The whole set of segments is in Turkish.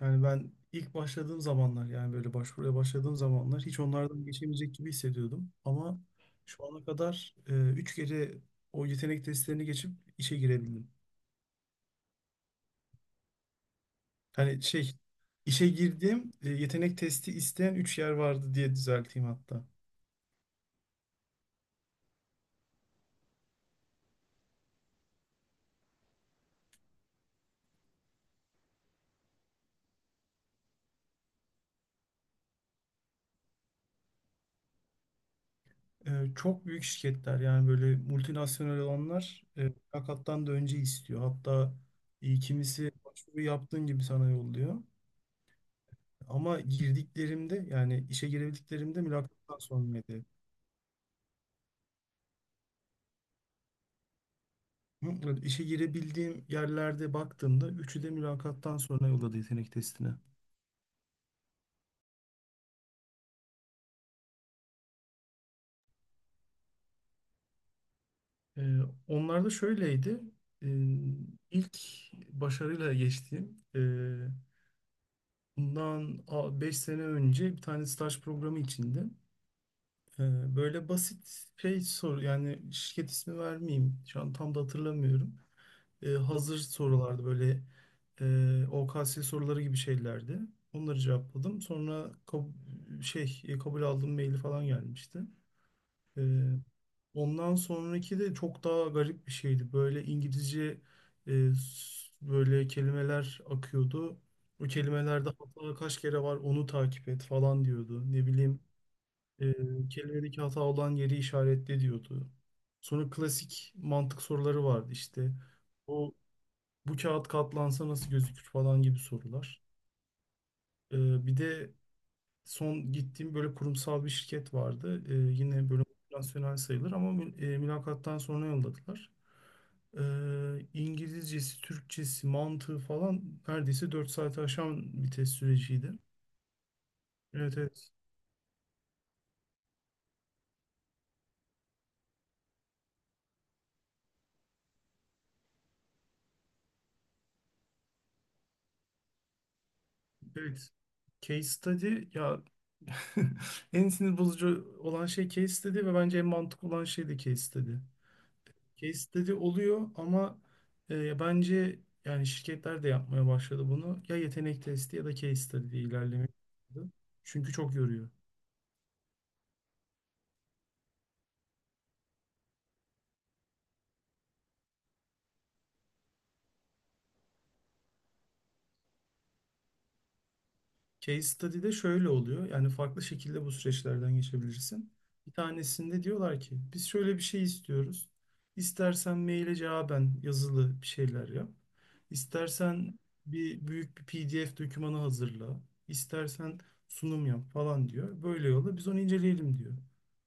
Yani ben ilk başladığım zamanlar yani böyle başvuruya başladığım zamanlar hiç onlardan geçemeyecek gibi hissediyordum. Ama şu ana kadar üç kere o yetenek testlerini geçip işe girebildim. Hani şey işe girdiğim yetenek testi isteyen üç yer vardı diye düzelteyim hatta. Çok büyük şirketler yani böyle multinasyonel olanlar mülakattan da önce istiyor. Hatta kimisi başvuru yaptığın gibi sana yolluyor. Ama girdiklerimde yani işe girebildiklerimde mülakattan sonraydı. Hı, İşe girebildiğim yerlerde baktığımda üçü de mülakattan sonra yolladı yetenek testine. Ee, Onlar da şöyleydi. Ee, ilk başarıyla geçtiğim bundan 5 sene önce bir tane staj programı içinde e, böyle basit şey soru yani şirket ismi vermeyeyim. Şu an tam da hatırlamıyorum. Hazır sorulardı böyle OKS soruları gibi şeylerdi. Onları cevapladım. Sonra kabul aldığım maili falan gelmişti. E, Ondan sonraki de çok daha garip bir şeydi. Böyle İngilizce böyle kelimeler akıyordu. O kelimelerde hata kaç kere var onu takip et falan diyordu. Ne bileyim kelimedeki hata olan yeri işaretle diyordu. Sonra klasik mantık soruları vardı işte bu kağıt katlansa nasıl gözükür falan gibi sorular. Bir de son gittiğim böyle kurumsal bir şirket vardı. Yine böyle nasyonel sayılır ama mülakattan sonra yolladılar. İngilizcesi, Türkçesi, mantığı falan neredeyse 4 saati aşan bir test süreciydi. Evet, evet. Evet. Case study ya. En sinir bozucu olan şey case study ve bence en mantıklı olan şey de case study. Case study oluyor ama bence yani şirketler de yapmaya başladı bunu. Ya yetenek testi ya da case study diye ilerlemek. Çünkü çok yoruyor. Case study'de şöyle oluyor. Yani farklı şekilde bu süreçlerden geçebilirsin. Bir tanesinde diyorlar ki biz şöyle bir şey istiyoruz. İstersen maile cevaben yazılı bir şeyler yap. İstersen bir büyük bir PDF dokümanı hazırla. İstersen sunum yap falan diyor. Böyle yolla biz onu inceleyelim diyor.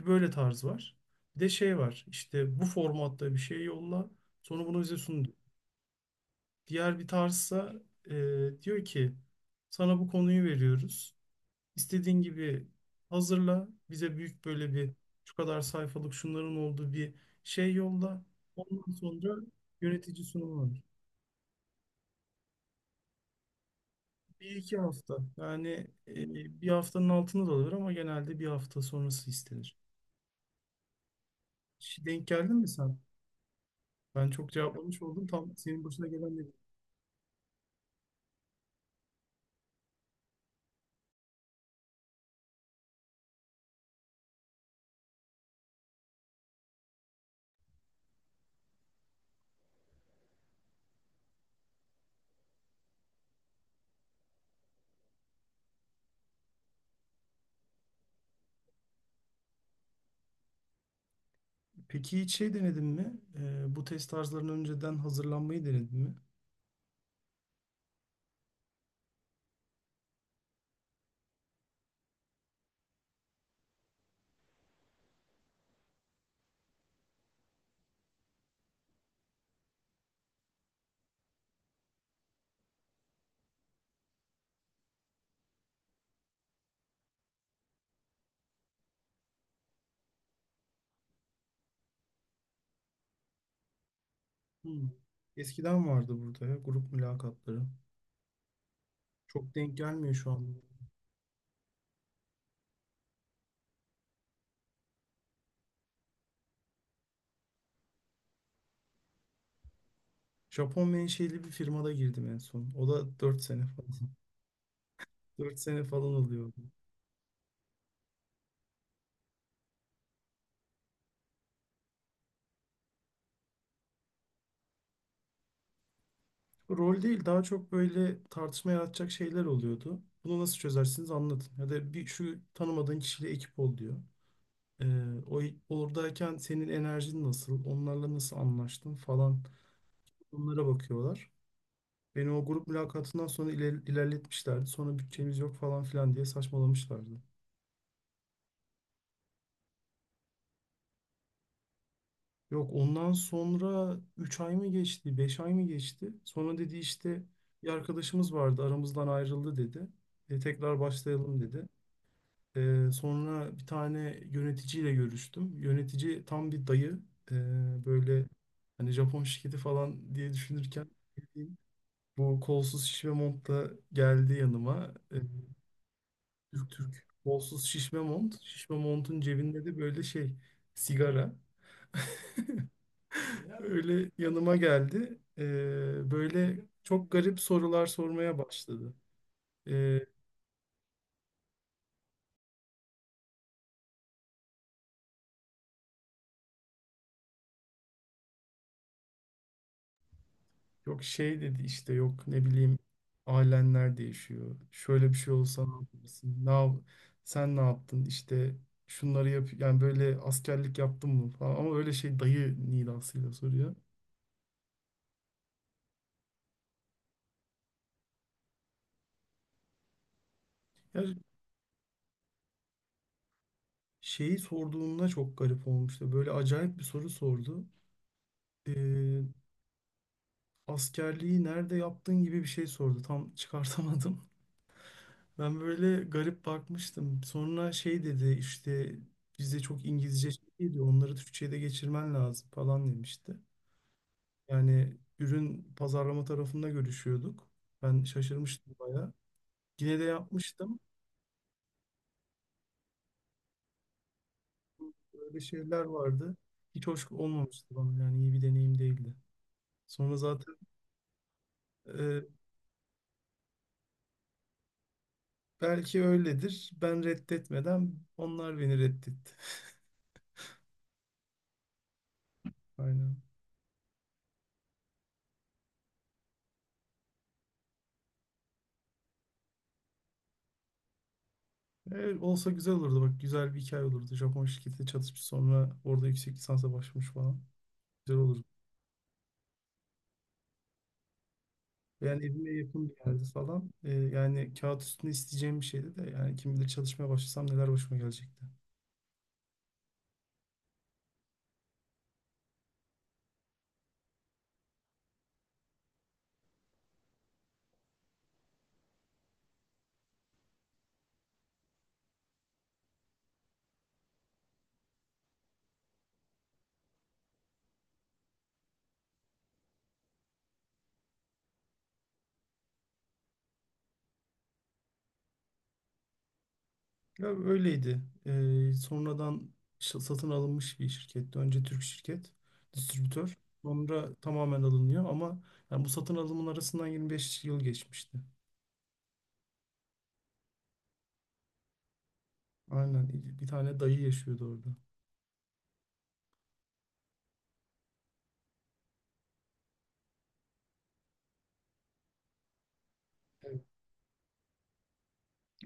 Bir böyle tarz var. Bir de şey var. İşte bu formatta bir şey yolla. Sonra bunu bize sun diyor. Diğer bir tarzsa e, diyor ki sana bu konuyu veriyoruz. İstediğin gibi hazırla. Bize büyük böyle bir şu kadar sayfalık şunların olduğu bir şey yolla. Ondan sonra yönetici sunumu var. Bir iki hafta. Yani bir haftanın altında da olur ama genelde bir hafta sonrası istenir. Hiç denk geldin mi sen? Ben çok cevaplamış oldum. Tam senin başına gelen de. Peki hiç şey denedin mi? Bu test tarzlarına önceden hazırlanmayı denedin mi? Hmm. Eskiden vardı burada ya, grup mülakatları. Çok denk gelmiyor şu an. Japon menşeli bir firmada girdim en son. O da dört sene falan. 4 sene falan oluyordu. Rol değil, daha çok böyle tartışma yaratacak şeyler oluyordu. Bunu nasıl çözersiniz anlatın. Ya da bir şu tanımadığın kişiyle ekip ol diyor. Ee, o oradayken senin enerjin nasıl, onlarla nasıl anlaştın falan, bunlara bakıyorlar. Beni o grup mülakatından sonra ilerletmişlerdi. Sonra bütçemiz yok falan filan diye saçmalamışlardı. Yok, ondan sonra 3 ay mı geçti, 5 ay mı geçti? Sonra dedi işte bir arkadaşımız vardı aramızdan ayrıldı dedi. Tekrar başlayalım dedi. Sonra bir tane yöneticiyle görüştüm. Yönetici tam bir dayı. E, Böyle hani Japon şirketi falan diye düşünürken bildiğin bu kolsuz şişme montla geldi yanıma. Türk kolsuz şişme mont. Şişme montun cebinde de böyle şey, sigara. Öyle yanıma geldi. Böyle çok garip sorular sormaya başladı. Ee, Yok şey dedi işte yok ne bileyim ailenler değişiyor. Şöyle bir şey olsa ne yaparsın? Sen ne yaptın? İşte şunları yap yani böyle askerlik yaptın mı falan ama öyle şey dayı nidasıyla soruyor. Yani şeyi sorduğunda çok garip olmuştu. Böyle acayip bir soru sordu. Ee, Askerliği nerede yaptın gibi bir şey sordu. Tam çıkartamadım. Ben böyle garip bakmıştım. Sonra şey dedi işte bizde çok İngilizce şey değil, onları Türkçe'ye de geçirmen lazım falan demişti. Yani ürün pazarlama tarafında görüşüyorduk. Ben şaşırmıştım bayağı. Yine de yapmıştım. Böyle şeyler vardı. Hiç hoş olmamıştı bana, yani iyi bir deneyim değildi. Sonra zaten e, belki öyledir. Ben reddetmeden onlar beni reddetti. Aynen. Olsa güzel olurdu bak, güzel bir hikaye olurdu. Japon şirketi çatışmış sonra orada yüksek lisansa başlamış falan. Güzel olurdu. Yani evime yakın bir yerde falan. Yani kağıt üstünde isteyeceğim bir şeydi de yani kim bilir çalışmaya başlasam neler başıma gelecekti. Ya, öyleydi. Sonradan satın alınmış bir şirketti. Önce Türk şirket, distribütör. Sonra tamamen alınıyor ama yani bu satın alımın arasından 25 yıl geçmişti. Aynen. Bir tane dayı yaşıyordu orada.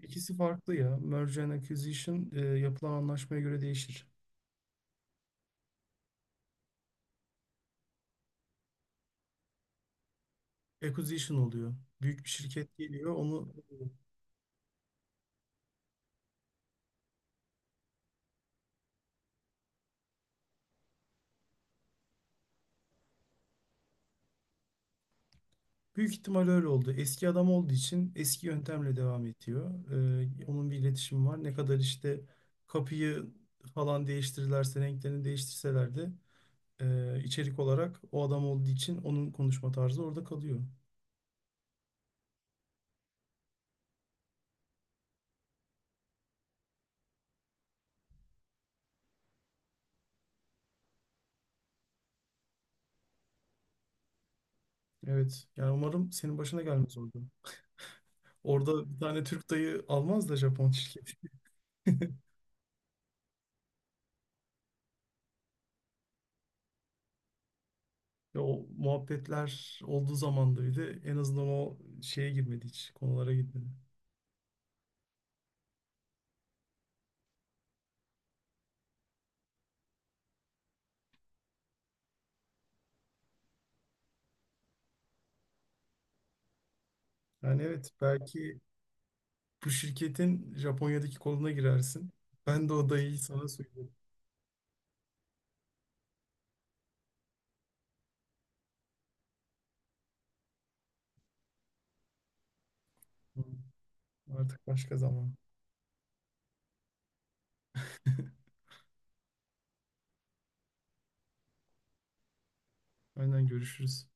İkisi farklı ya. Merge and acquisition, yapılan anlaşmaya göre değişir. Acquisition oluyor. Büyük bir şirket geliyor onu, büyük ihtimal öyle oldu. Eski adam olduğu için eski yöntemle devam ediyor. Onun bir iletişimi var. Ne kadar işte kapıyı falan değiştirirlerse, renklerini değiştirseler de içerik olarak o adam olduğu için onun konuşma tarzı orada kalıyor. Evet. Yani umarım senin başına gelmez orada. Orada bir tane Türk dayı almaz da Japon şirketi. Ya o muhabbetler olduğu zaman da bir de en azından o şeye girmedi hiç, konulara girmedi. Yani evet, belki bu şirketin Japonya'daki koluna girersin. Ben de o odayı sana söyleyeyim. Artık başka zaman. Aynen, görüşürüz.